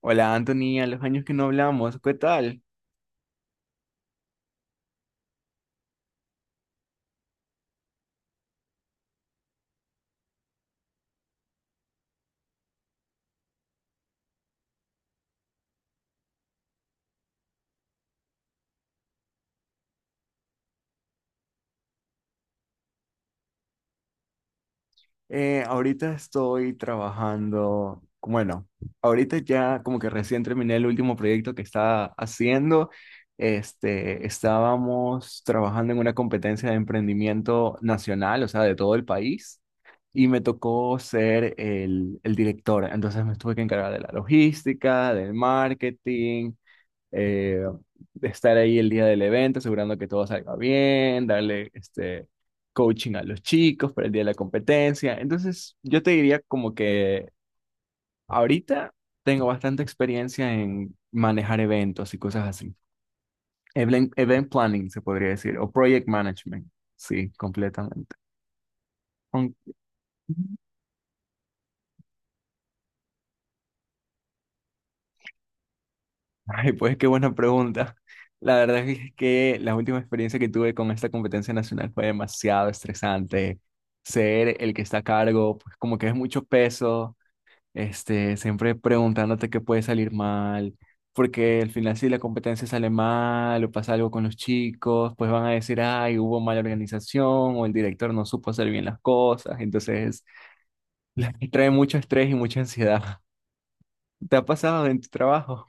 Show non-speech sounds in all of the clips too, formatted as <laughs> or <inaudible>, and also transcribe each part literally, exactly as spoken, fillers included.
Hola Anthony, a los años que no hablamos, ¿qué tal? Eh, ahorita estoy trabajando, bueno, ahorita ya como que recién terminé el último proyecto que estaba haciendo. Este, estábamos trabajando en una competencia de emprendimiento nacional, o sea, de todo el país, y me tocó ser el, el director. Entonces me tuve que encargar de la logística, del marketing, eh, estar ahí el día del evento, asegurando que todo salga bien, darle este coaching a los chicos para el día de la competencia. Entonces, yo te diría como que ahorita tengo bastante experiencia en manejar eventos y cosas así. Event, event planning se podría decir, o project management, sí, completamente. Aun- Ay, pues qué buena pregunta. La verdad es que la última experiencia que tuve con esta competencia nacional fue demasiado estresante. Ser el que está a cargo, pues como que es mucho peso, este, siempre preguntándote qué puede salir mal, porque al final si la competencia sale mal o pasa algo con los chicos, pues van a decir, ay, hubo mala organización o el director no supo hacer bien las cosas. Entonces, <laughs> trae mucho estrés y mucha ansiedad. ¿Te ha pasado en tu trabajo?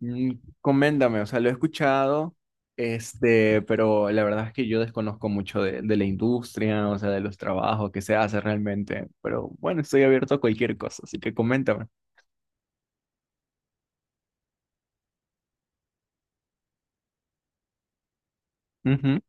Mm. Coméntame, o sea, lo he escuchado, este, pero la verdad es que yo desconozco mucho de, de la industria, o sea, de los trabajos que se hace realmente, pero bueno, estoy abierto a cualquier cosa, así que coméntame. Ujú.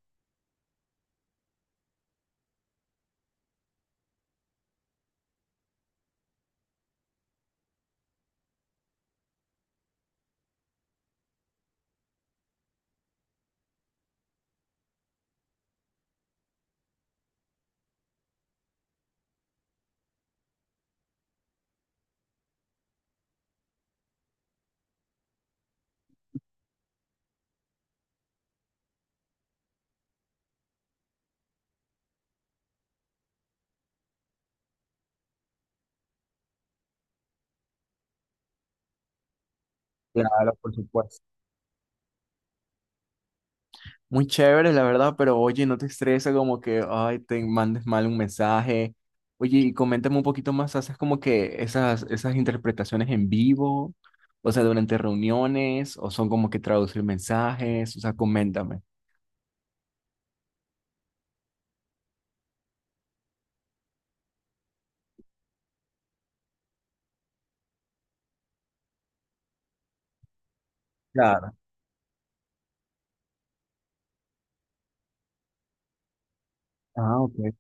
Claro, por supuesto. Muy chévere, la verdad, pero oye, no te estresa como que, ay, te mandes mal un mensaje. Oye, y coméntame un poquito más, ¿haces como que esas, esas interpretaciones en vivo? O sea, durante reuniones, o son como que traducir mensajes, o sea, coméntame. Ah, ok.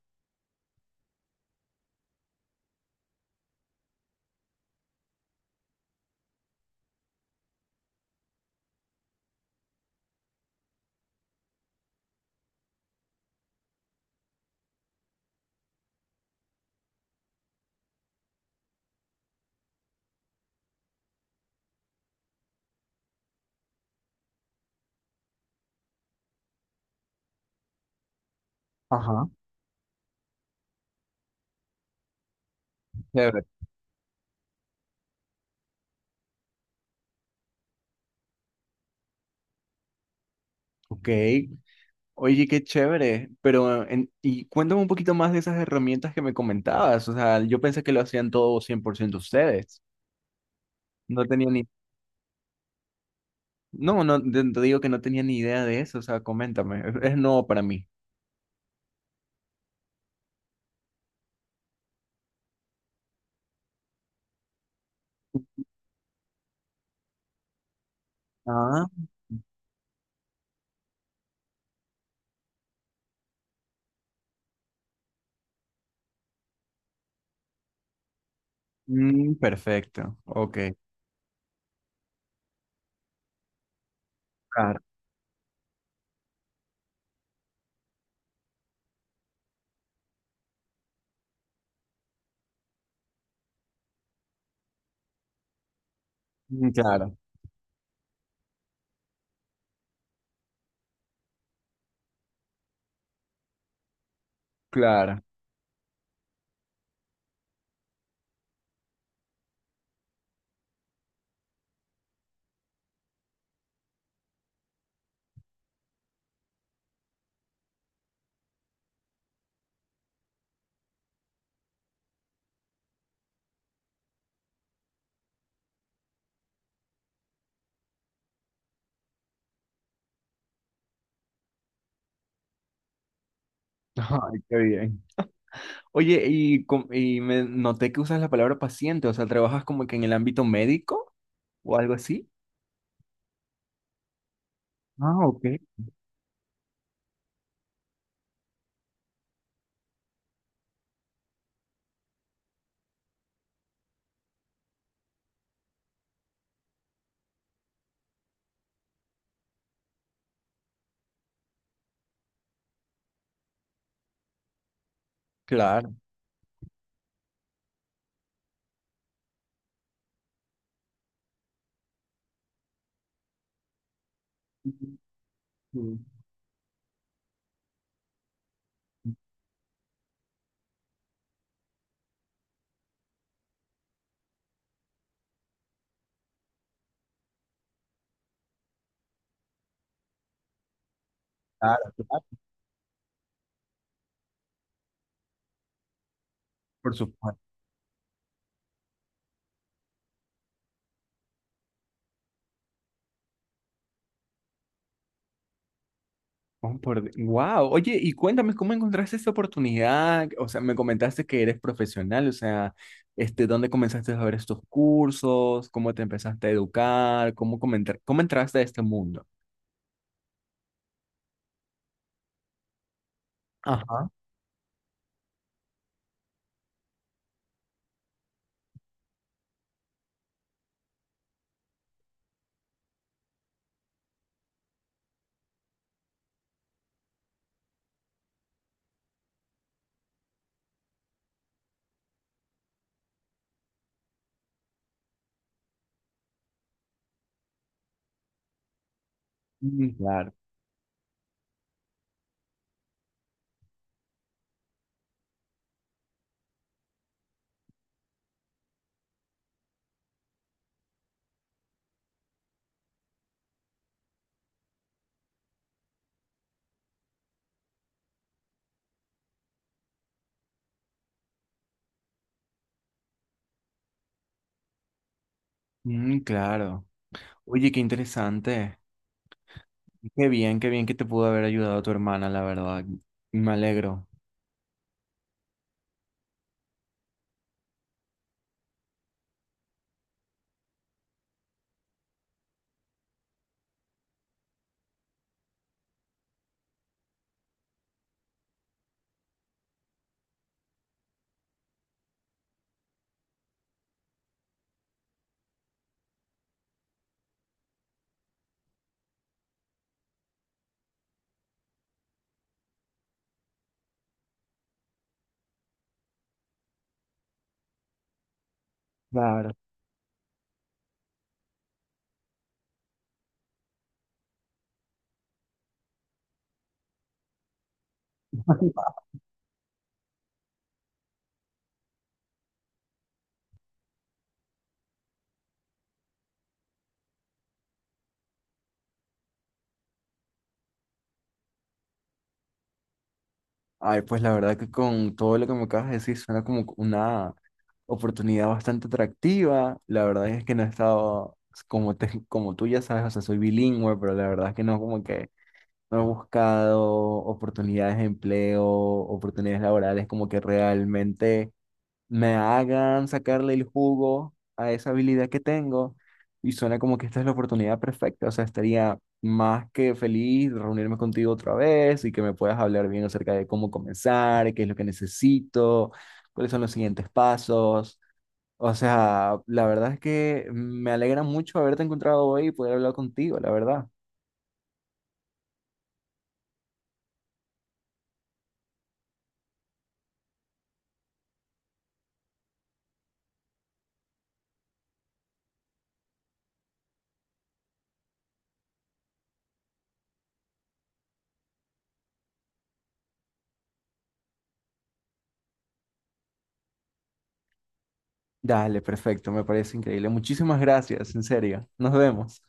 Ajá. Chévere. Ok. Oye, qué chévere. Pero, en- y cuéntame un poquito más de esas herramientas que me comentabas. O sea, yo pensé que lo hacían todo cien por ciento ustedes. No tenía ni... No, no, te te digo que no tenía ni idea de eso. O sea, coméntame. Es, es nuevo para mí. Ah, mm, perfecto. Ok. Claro. Mm. Claro, claro. <laughs> Ay, qué bien. Oye, y, com- y me noté que usas la palabra paciente. O sea, ¿trabajas como que en el ámbito médico o algo así? Ah, ok. Claro. Mm. Claro, claro, por supuesto. Wow. Oye, y cuéntame cómo encontraste esta oportunidad. O sea, me comentaste que eres profesional. O sea, este, ¿dónde comenzaste a ver estos cursos? ¿Cómo te empezaste a educar? ¿Cómo comentar, ¿cómo entraste a este mundo? Ajá. Mm, claro. Mm, claro. Oye, qué interesante. Qué bien, qué bien que te pudo haber ayudado tu hermana, la verdad. Me alegro. Claro. Ay, pues la verdad que con todo lo que me acabas de decir suena como una oportunidad bastante atractiva. La verdad es que no he estado, como, te- como tú ya sabes, o sea, soy bilingüe, pero la verdad es que no, como que no he buscado oportunidades de empleo, oportunidades laborales, como que realmente me hagan sacarle el jugo a esa habilidad que tengo. Y suena como que esta es la oportunidad perfecta, o sea, estaría más que feliz de reunirme contigo otra vez y que me puedas hablar bien acerca de cómo comenzar, qué es lo que necesito, cuáles son los siguientes pasos. O sea, la verdad es que me alegra mucho haberte encontrado hoy y poder hablar contigo, la verdad. Dale, perfecto, me parece increíble. Muchísimas gracias, en serio. Nos vemos.